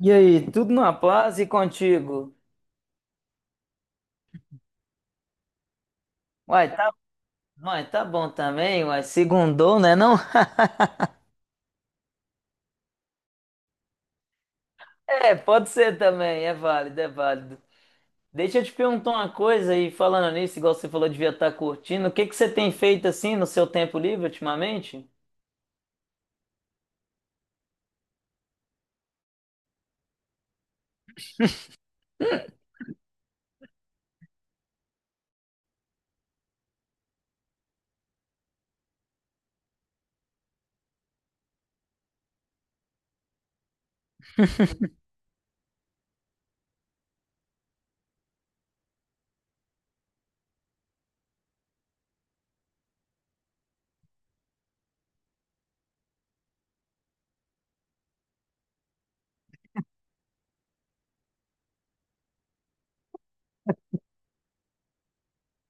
E aí, tudo na paz e contigo? Uai, tá, uai, tá bom também, uai, segundou, né não? É, pode ser também, é válido, é válido. Deixa eu te perguntar uma coisa aí, falando nisso, igual você falou, devia estar curtindo, o que que você tem feito assim no seu tempo livre ultimamente?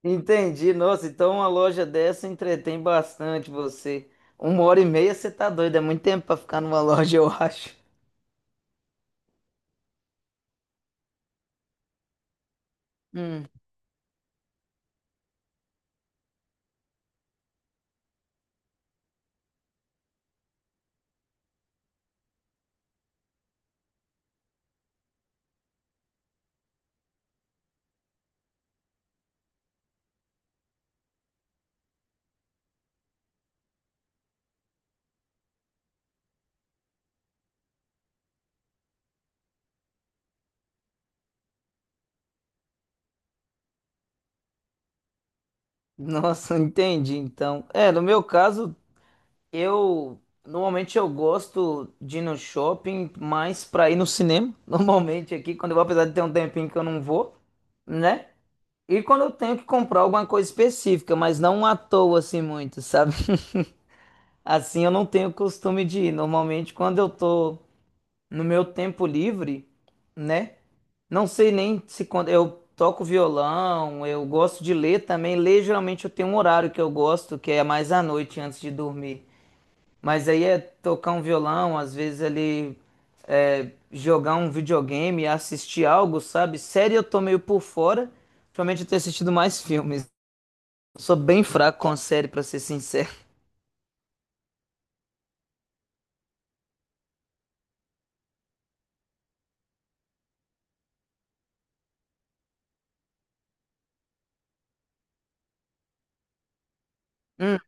Entendi, nossa, então uma loja dessa entretém bastante você. 1 hora e meia você tá doido, é muito tempo pra ficar numa loja, eu acho. Hum, Nossa, entendi. Então, é, no meu caso, Eu normalmente eu gosto de ir no shopping mais pra ir no cinema. Normalmente aqui, quando eu vou, apesar de ter um tempinho que eu não vou, né? E quando eu tenho que comprar alguma coisa específica, mas não à toa assim muito, sabe? Assim eu não tenho costume de ir. Normalmente quando eu tô no meu tempo livre, né? Não sei nem se quando eu toco violão, eu gosto de ler também. Ler geralmente eu tenho um horário que eu gosto, que é mais à noite antes de dormir. Mas aí é tocar um violão, às vezes ali jogar um videogame, assistir algo, sabe? Série eu tô meio por fora. Ultimamente eu tenho assistido mais filmes. Sou bem fraco com série, pra ser sincero. Hum,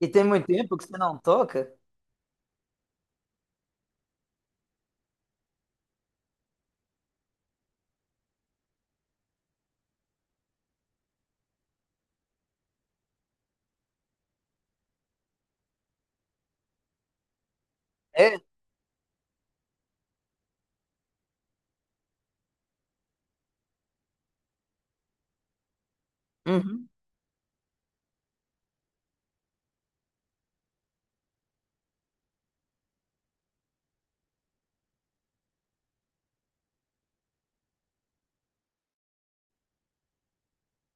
E tem muito tempo que você não toca? É? Uhum.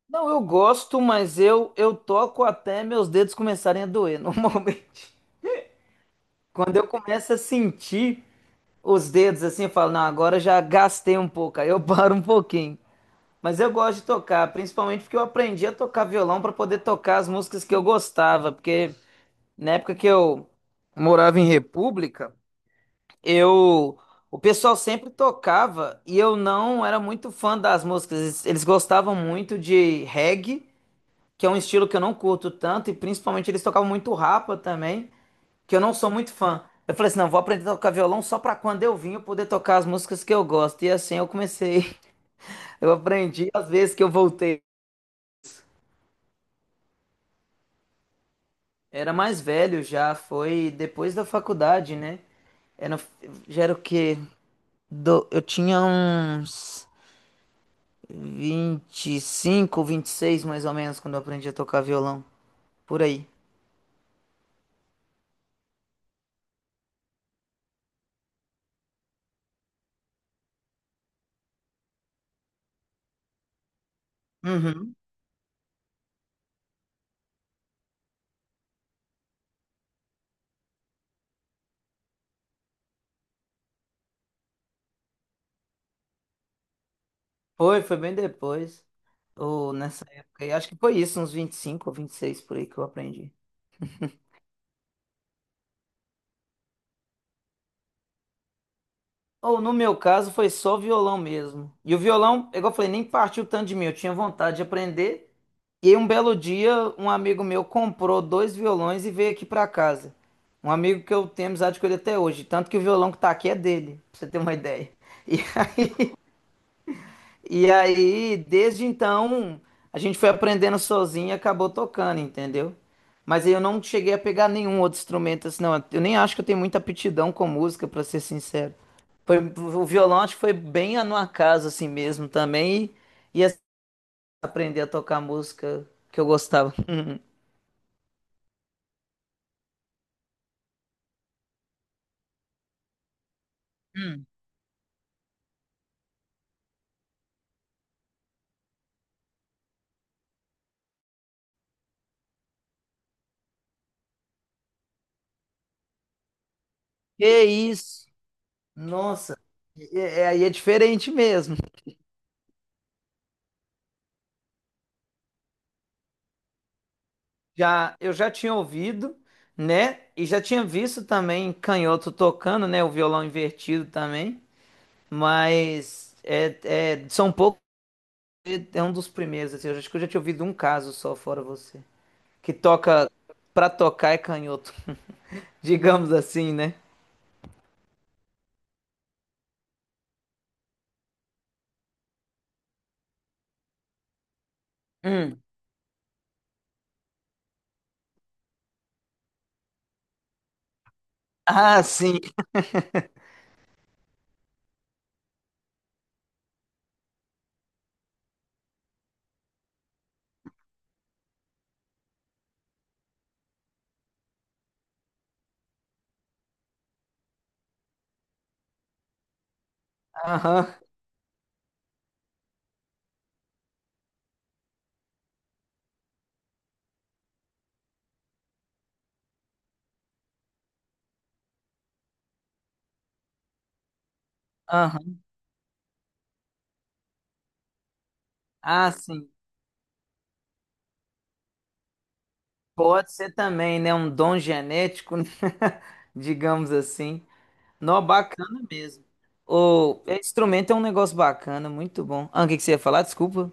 Não, eu gosto, mas eu toco até meus dedos começarem a doer, normalmente. Quando eu começo a sentir os dedos assim, eu falo, não, agora já gastei um pouco, aí eu paro um pouquinho. Mas eu gosto de tocar, principalmente porque eu aprendi a tocar violão para poder tocar as músicas que eu gostava, porque na época que eu morava em República, eu o pessoal sempre tocava e eu não era muito fã das músicas. Eles gostavam muito de reggae, que é um estilo que eu não curto tanto, e principalmente eles tocavam muito rapa também, que eu não sou muito fã. Eu falei assim, não, vou aprender a tocar violão só para quando eu vim eu poder tocar as músicas que eu gosto. E assim eu comecei, eu aprendi às vezes que eu voltei. Era mais velho já, foi depois da faculdade, né? Era, já era o quê? Eu tinha uns 20, 25, 26 mais ou menos quando eu aprendi a tocar violão. Por aí. Uhum. Foi bem depois. Ou nessa época, aí acho que foi isso, uns 25 ou 26 por aí que eu aprendi. Ou no meu caso foi só violão mesmo. E o violão, igual eu falei, nem partiu tanto de mim. Eu tinha vontade de aprender. E aí, um belo dia, um amigo meu comprou dois violões e veio aqui pra casa. Um amigo que eu tenho amizade com ele até hoje. Tanto que o violão que tá aqui é dele, pra você ter uma ideia. E, e aí, desde então, a gente foi aprendendo sozinho e acabou tocando, entendeu? Mas aí eu não cheguei a pegar nenhum outro instrumento assim, não. Eu nem acho que eu tenho muita aptidão com música, pra ser sincero. Foi, o violão acho que foi bem no acaso assim mesmo também. E assim, aprender a tocar música que eu gostava. Que isso? Nossa, aí é diferente mesmo. Já, eu já tinha ouvido, né? E já tinha visto também canhoto tocando, né? O violão invertido também. Mas são poucos, é um dos primeiros, assim. Eu acho que eu já tinha ouvido um caso só, fora você. Que toca, pra tocar é canhoto. Digamos assim, né? Hum. Ah, sim. Aham. Aham. Ah, sim. Pode ser também, né? Um dom genético, né? digamos assim. Nó, bacana mesmo. Instrumento é um negócio bacana, muito bom. Ah, o que que você ia falar? Desculpa.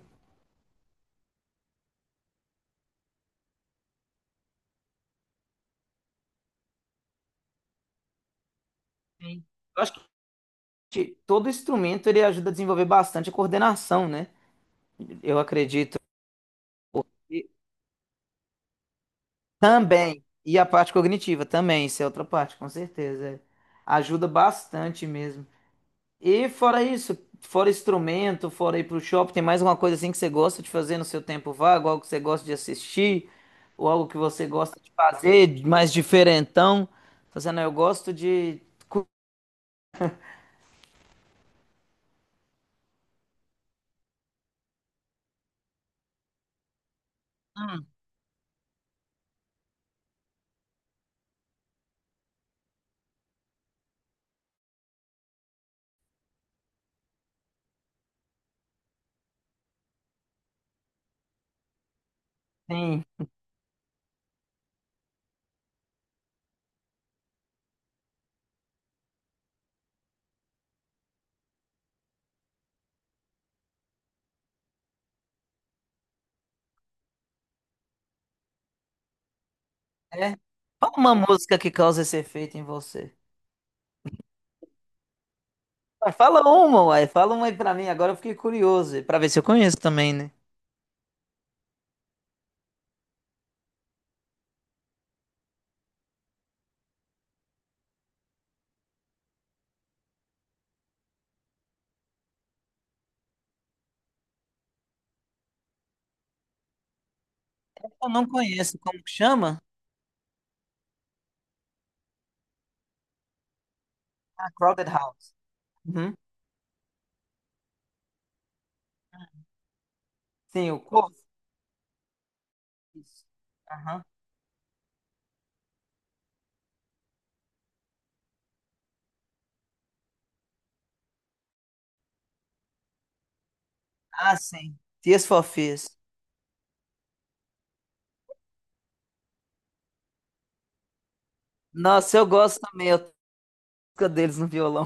Sim. Eu acho que todo instrumento ele ajuda a desenvolver bastante a coordenação, né? Eu acredito. E também. E a parte cognitiva também, isso é outra parte, com certeza. É. Ajuda bastante mesmo. E fora isso, fora instrumento, fora ir pro shopping, tem mais alguma coisa assim que você gosta de fazer no seu tempo vago? Algo que você gosta de assistir? Ou algo que você gosta de fazer, mais diferentão? Fazendo, eu gosto de cozinhar, né? Fala uma música que causa esse efeito em você. Ué, fala uma, uai. Fala uma aí pra mim. Agora eu fiquei curioso, pra ver se eu conheço também, né? Eu não conheço. Como que chama? Ah, Crowded House. Uhum. Sim, o corpo. Isso. Aham. Ah, sim. Tears for Fears. Nossa, eu gosto também, a música deles no violão.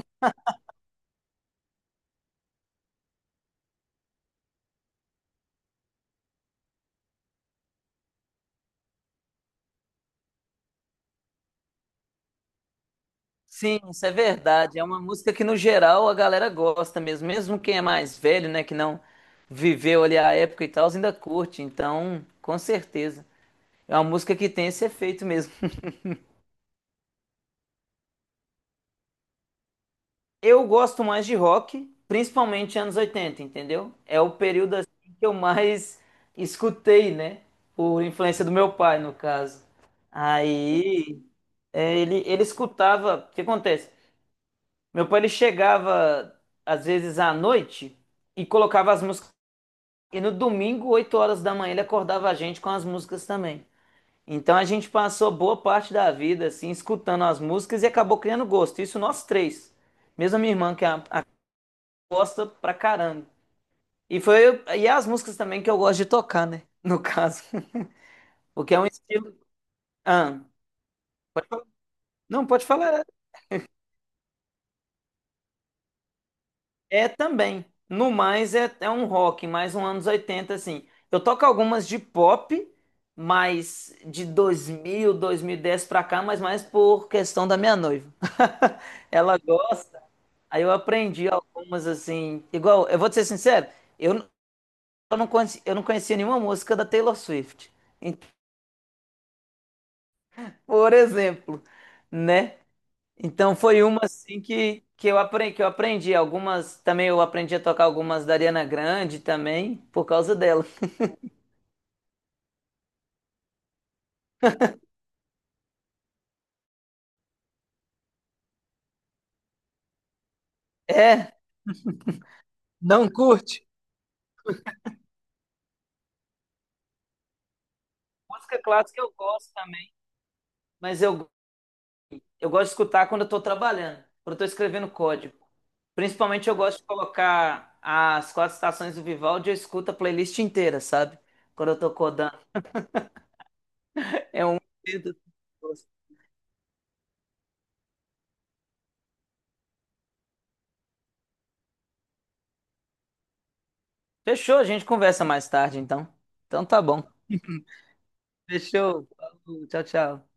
Sim, isso é verdade. É uma música que, no geral, a galera gosta mesmo. Mesmo quem é mais velho, né, que não viveu ali a época e tal, ainda curte. Então, com certeza. É uma música que tem esse efeito mesmo. Eu gosto mais de rock, principalmente anos 80, entendeu? É o período assim que eu mais escutei, né? Por influência do meu pai, no caso. Aí, ele escutava. O que acontece? Meu pai ele chegava às vezes à noite e colocava as músicas. E no domingo, 8 horas da manhã, ele acordava a gente com as músicas também. Então a gente passou boa parte da vida assim escutando as músicas e acabou criando gosto. Isso nós três. Mesmo a minha irmã que é a gosta pra caramba. E foi e as músicas também que eu gosto de tocar, né? No caso, porque é um estilo. Ah, não pode falar. É também. No mais é um rock, mais um anos 80 assim. Eu toco algumas de pop, mas de dois mil, 2010 pra cá, mas mais por questão da minha noiva. Ela gosta, aí eu aprendi algumas, assim. Igual, eu vou te ser sincero, eu, n- eu não conhecia nenhuma música da Taylor Swift. Então, por exemplo, né? Então foi uma assim que eu aprendi algumas, também eu aprendi a tocar algumas da Ariana Grande também por causa dela. É, não curte? Música clássica eu gosto também, mas eu gosto de escutar quando eu tô trabalhando, quando eu tô escrevendo código. Principalmente eu gosto de colocar as quatro estações do Vivaldi, eu escuto a playlist inteira, sabe? Quando eu tô codando. É um dedo. Fechou, a gente conversa mais tarde então. Então tá bom. Fechou. Falou, tchau, tchau.